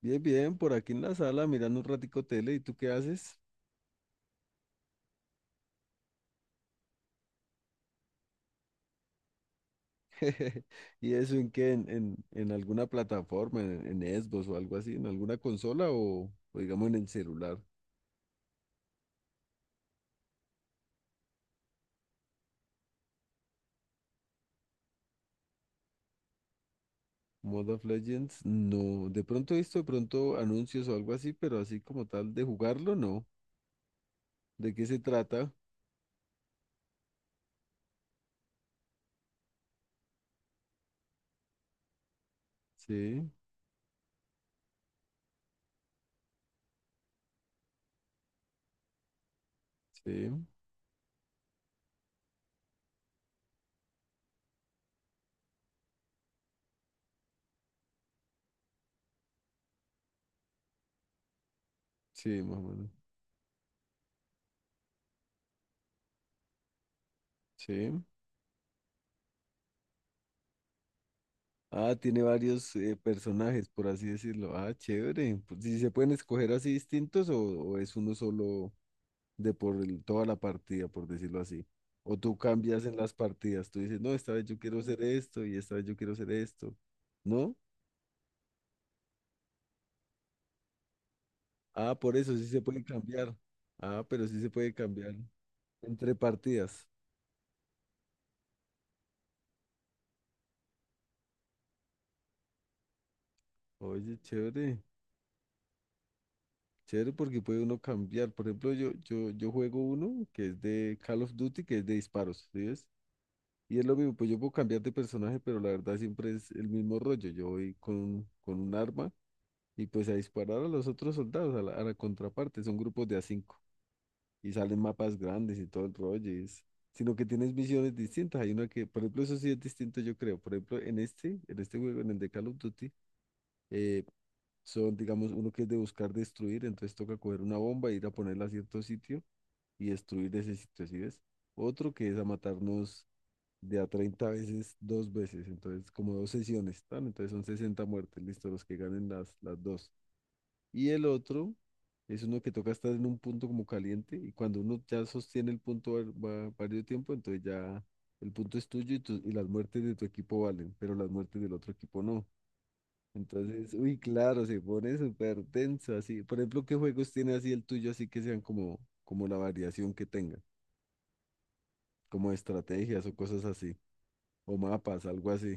Bien, bien, por aquí en la sala mirando un ratico tele, ¿y tú qué haces? ¿Y eso en qué? ¿En alguna plataforma, en Xbox o algo así, en alguna consola o digamos en el celular? ¿Mode of Legends? No, de pronto he visto de pronto anuncios o algo así, pero así como tal de jugarlo, no. ¿De qué se trata? Sí, sí, sí, más o menos. Sí. Ah, tiene varios personajes, por así decirlo. Ah, chévere. Pues, ¿sí se pueden escoger así distintos o es uno solo? De por toda la partida, por decirlo así. O tú cambias en las partidas, tú dices, no, esta vez yo quiero hacer esto y esta vez yo quiero hacer esto. ¿No? Ah, por eso sí se puede cambiar. Ah, pero sí se puede cambiar entre partidas. Oye, chévere, chévere porque puede uno cambiar. Por ejemplo, yo juego uno que es de Call of Duty, que es de disparos, ¿sí ves? Y es lo mismo, pues yo puedo cambiar de personaje, pero la verdad siempre es el mismo rollo. Yo voy con un arma. Y pues a disparar a los otros soldados, a la contraparte, son grupos de a cinco. Y salen mapas grandes y todo el rollo. Sino que tienes visiones distintas. Hay una que, por ejemplo, eso sí es distinto, yo creo. Por ejemplo, en este juego, en el de Call of Duty, eh, son, digamos, uno que es de buscar destruir, entonces toca coger una bomba, e ir a ponerla a cierto sitio y destruir ese sitio, ¿sí ves? Otro que es a matarnos de a 30 veces, dos veces, entonces como dos sesiones, ¿tan? Entonces son 60 muertes, listo, los que ganen las dos. Y el otro es uno que toca estar en un punto como caliente y cuando uno ya sostiene el punto varios tiempo, entonces ya el punto es tuyo y las muertes de tu equipo valen, pero las muertes del otro equipo no. Entonces, uy, claro, se pone súper denso así. Por ejemplo, ¿qué juegos tiene así el tuyo así que sean como la variación que tenga? Como estrategias o cosas así, o mapas, algo así.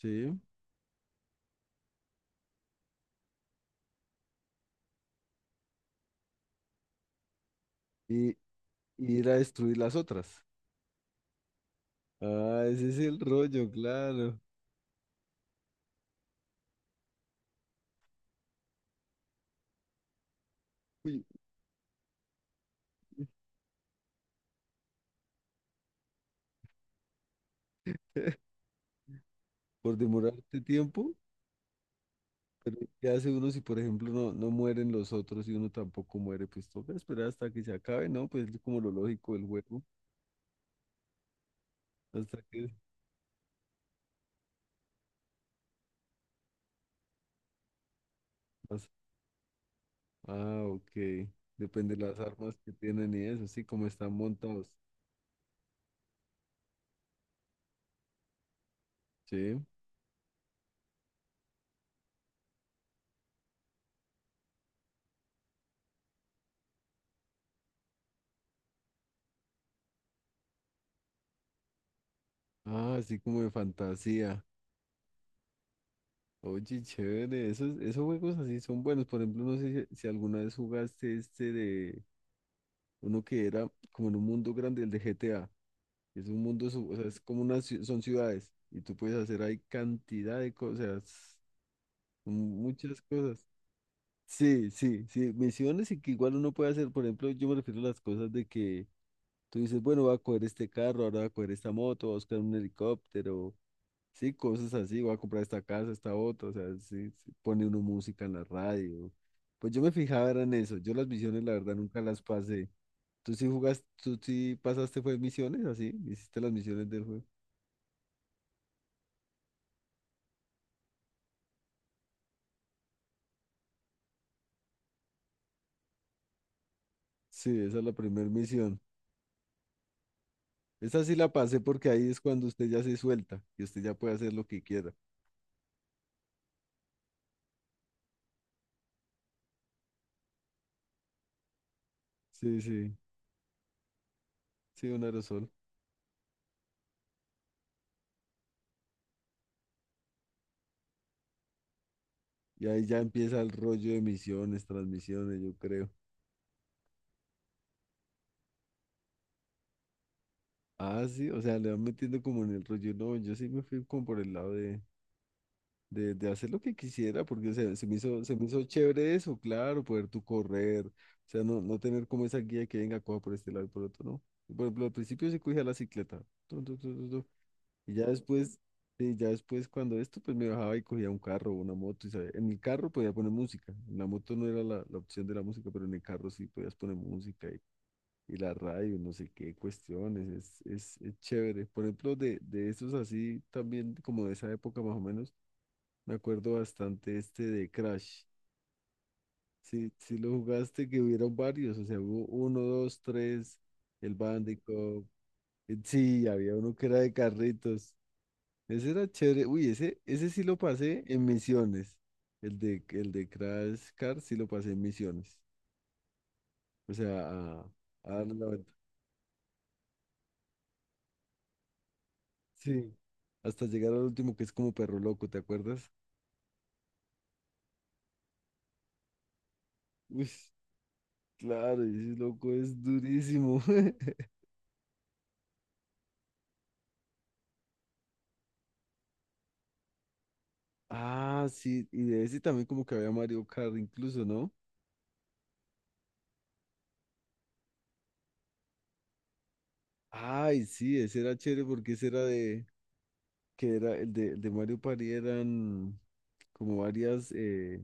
Sí. Y, y ir a destruir las otras. Ah, ese es el rollo, claro. Uy. Por demorarte tiempo, pero ¿qué hace uno si, por ejemplo, no, no mueren los otros y uno tampoco muere? Pues toca esperar hasta que se acabe, ¿no? Pues es como lo lógico del juego, hasta que pasa. Ah, ok. Depende de las armas que tienen y eso, así como están montados. Sí. Ah, así como de fantasía. Oye, chévere, esos juegos así son buenos. Por ejemplo, no sé si alguna vez jugaste este de uno que era como en un mundo grande, el de GTA. Es un mundo, o sea, es como son ciudades y tú puedes hacer ahí cantidad de cosas, muchas cosas. Sí, sí, sí, misiones y que igual uno puede hacer, por ejemplo, yo me refiero a las cosas de que tú dices, bueno, voy a coger este carro, ahora voy a coger esta moto, voy a buscar un helicóptero, sí, cosas así, voy a comprar esta casa, esta otra, o sea, sí, sí, pone uno música en la radio. Pues yo me fijaba era en eso, yo las misiones la verdad nunca las pasé. ¿Tú sí jugaste, tú sí pasaste fue misiones así? ¿Hiciste las misiones del juego? Sí, esa es la primera misión. Esa sí la pasé porque ahí es cuando usted ya se suelta y usted ya puede hacer lo que quiera. Sí, sí, sí, un aerosol. Y ahí ya empieza el rollo de misiones, transmisiones, yo creo. Ah, sí, o sea, le van metiendo como en el rollo. No, yo sí me fui como por el lado de hacer lo que quisiera, porque o sea, se me hizo chévere eso, claro, poder tú correr. O sea, no, no tener como esa guía que venga, coja por este lado y por otro, no. Por ejemplo, al principio sí cogía la cicleta. Y ya después, sí, ya después cuando esto, pues me bajaba y cogía un carro o una moto. Y en el carro podía poner música. En la moto no era la opción de la música, pero en el carro sí podías poner música y la radio, no sé qué cuestiones. Es chévere. Por ejemplo, de esos así también, como de esa época más o menos, me acuerdo bastante este de Crash. Sí, sí lo jugaste, que hubieron varios. O sea, hubo uno, dos, tres, el Bandicoot. Sí, había uno que era de carritos. Ese era chévere. Uy, ese sí lo pasé en misiones. El de Crash Car sí lo pasé en misiones. O sea, a darle la vuelta. Sí. Hasta llegar al último que es como perro loco, ¿te acuerdas? Uy, claro, ese loco es durísimo. Ah, sí, y de ese también como que había Mario Kart incluso, ¿no? Ay, sí, ese era chévere porque que era el de Mario Party eran como varias,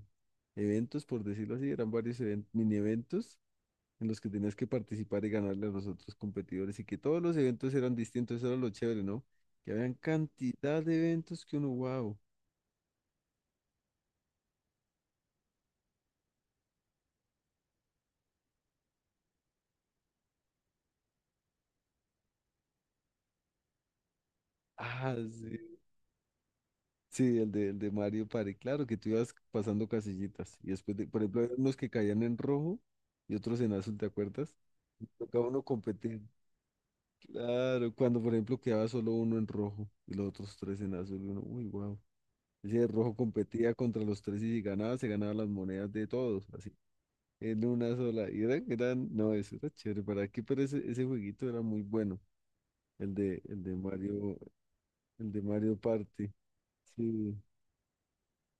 eventos, por decirlo así, eran varios mini eventos en los que tenías que participar y ganarle a los otros competidores y que todos los eventos eran distintos, eso era lo chévere, ¿no? Que habían cantidad de eventos que uno, wow. Ah, sí. Sí, el de Mario Party, claro, que tú ibas pasando casillitas y después, de, por ejemplo, había unos que caían en rojo y otros en azul, ¿te acuerdas? Y tocaba uno competir, claro, cuando por ejemplo quedaba solo uno en rojo y los otros tres en azul, y uno, uy, wow. Ese rojo competía contra los tres y si ganaba, se ganaba las monedas de todos, así, en una sola. Y eran, no, eso era chévere para aquí, pero ese jueguito era muy bueno, el de, el de Mario, el de Mario Party. Sí,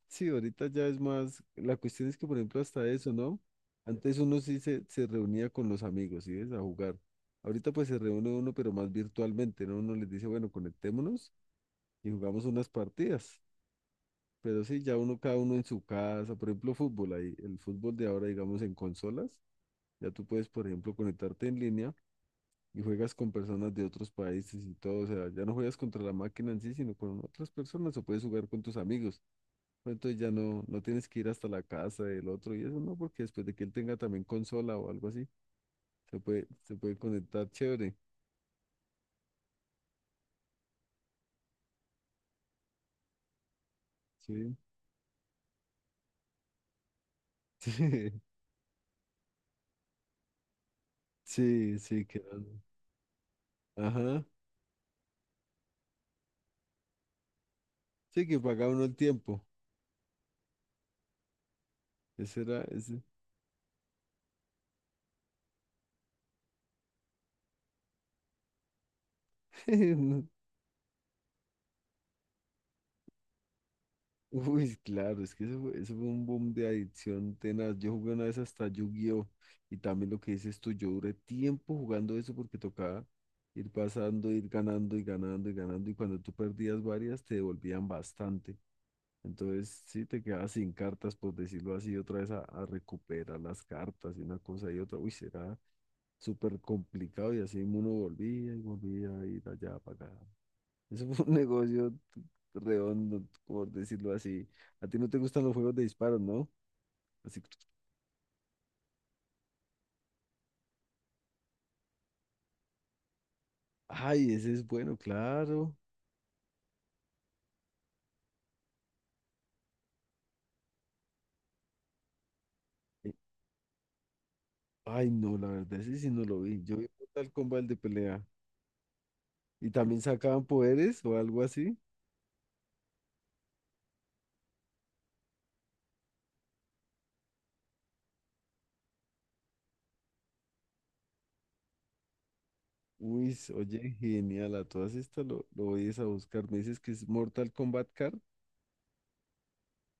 sí, ahorita ya es más, la cuestión es que, por ejemplo, hasta eso, ¿no? Antes uno sí se reunía con los amigos, ¿sí ves? A jugar. Ahorita pues se reúne uno, pero más virtualmente, ¿no? Uno les dice, bueno, conectémonos y jugamos unas partidas. Pero sí, ya uno, cada uno en su casa, por ejemplo, fútbol, ahí, el fútbol de ahora, digamos, en consolas, ya tú puedes, por ejemplo, conectarte en línea y juegas con personas de otros países y todo, o sea, ya no juegas contra la máquina en sí, sino con otras personas, o puedes jugar con tus amigos, pero entonces ya no, no tienes que ir hasta la casa del otro y eso no, porque después de que él tenga también consola o algo así, se puede conectar chévere, sí, sí, sí, sí, que, ajá, sí, que paga uno el tiempo, ese era, ese, uy, claro, es que eso fue un boom de adicción tenaz. Yo jugué una vez hasta Yu-Gi-Oh! Y también lo que dices tú, yo duré tiempo jugando eso porque tocaba ir pasando, ir ganando y ganando y ganando. Y cuando tú perdías varias, te devolvían bastante. Entonces, sí, te quedabas sin cartas, por decirlo así, otra vez a recuperar las cartas y una cosa y otra. Uy, será súper complicado. Y así uno volvía y volvía a ir allá para acá. Eso fue un negocio redondo, por decirlo así. A ti no te gustan los juegos de disparos, ¿no? Así, ay, ese es bueno, claro. Eh, Ay, no, la verdad, ese sí no lo vi. Yo vi Mortal Kombat el de pelea. Y también sacaban poderes o algo así. Uy, oye, genial, a todas estas lo voy a buscar. Me dices que es Mortal Kombat.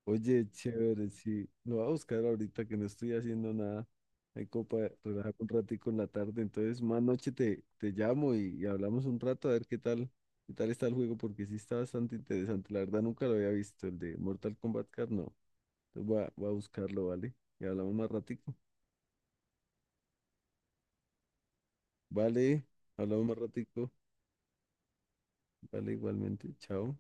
Oye, chévere, sí. Lo voy a buscar ahorita que no estoy haciendo nada. Hay copa, relajar un ratico en la tarde. Entonces, más noche te llamo y hablamos un rato a ver qué tal está el juego, porque sí está bastante interesante. La verdad nunca lo había visto, el de Mortal Kombat Card, no. Entonces voy a buscarlo, ¿vale? Y hablamos más ratico. Vale, hablamos más ratico. Vale, igualmente. Chao.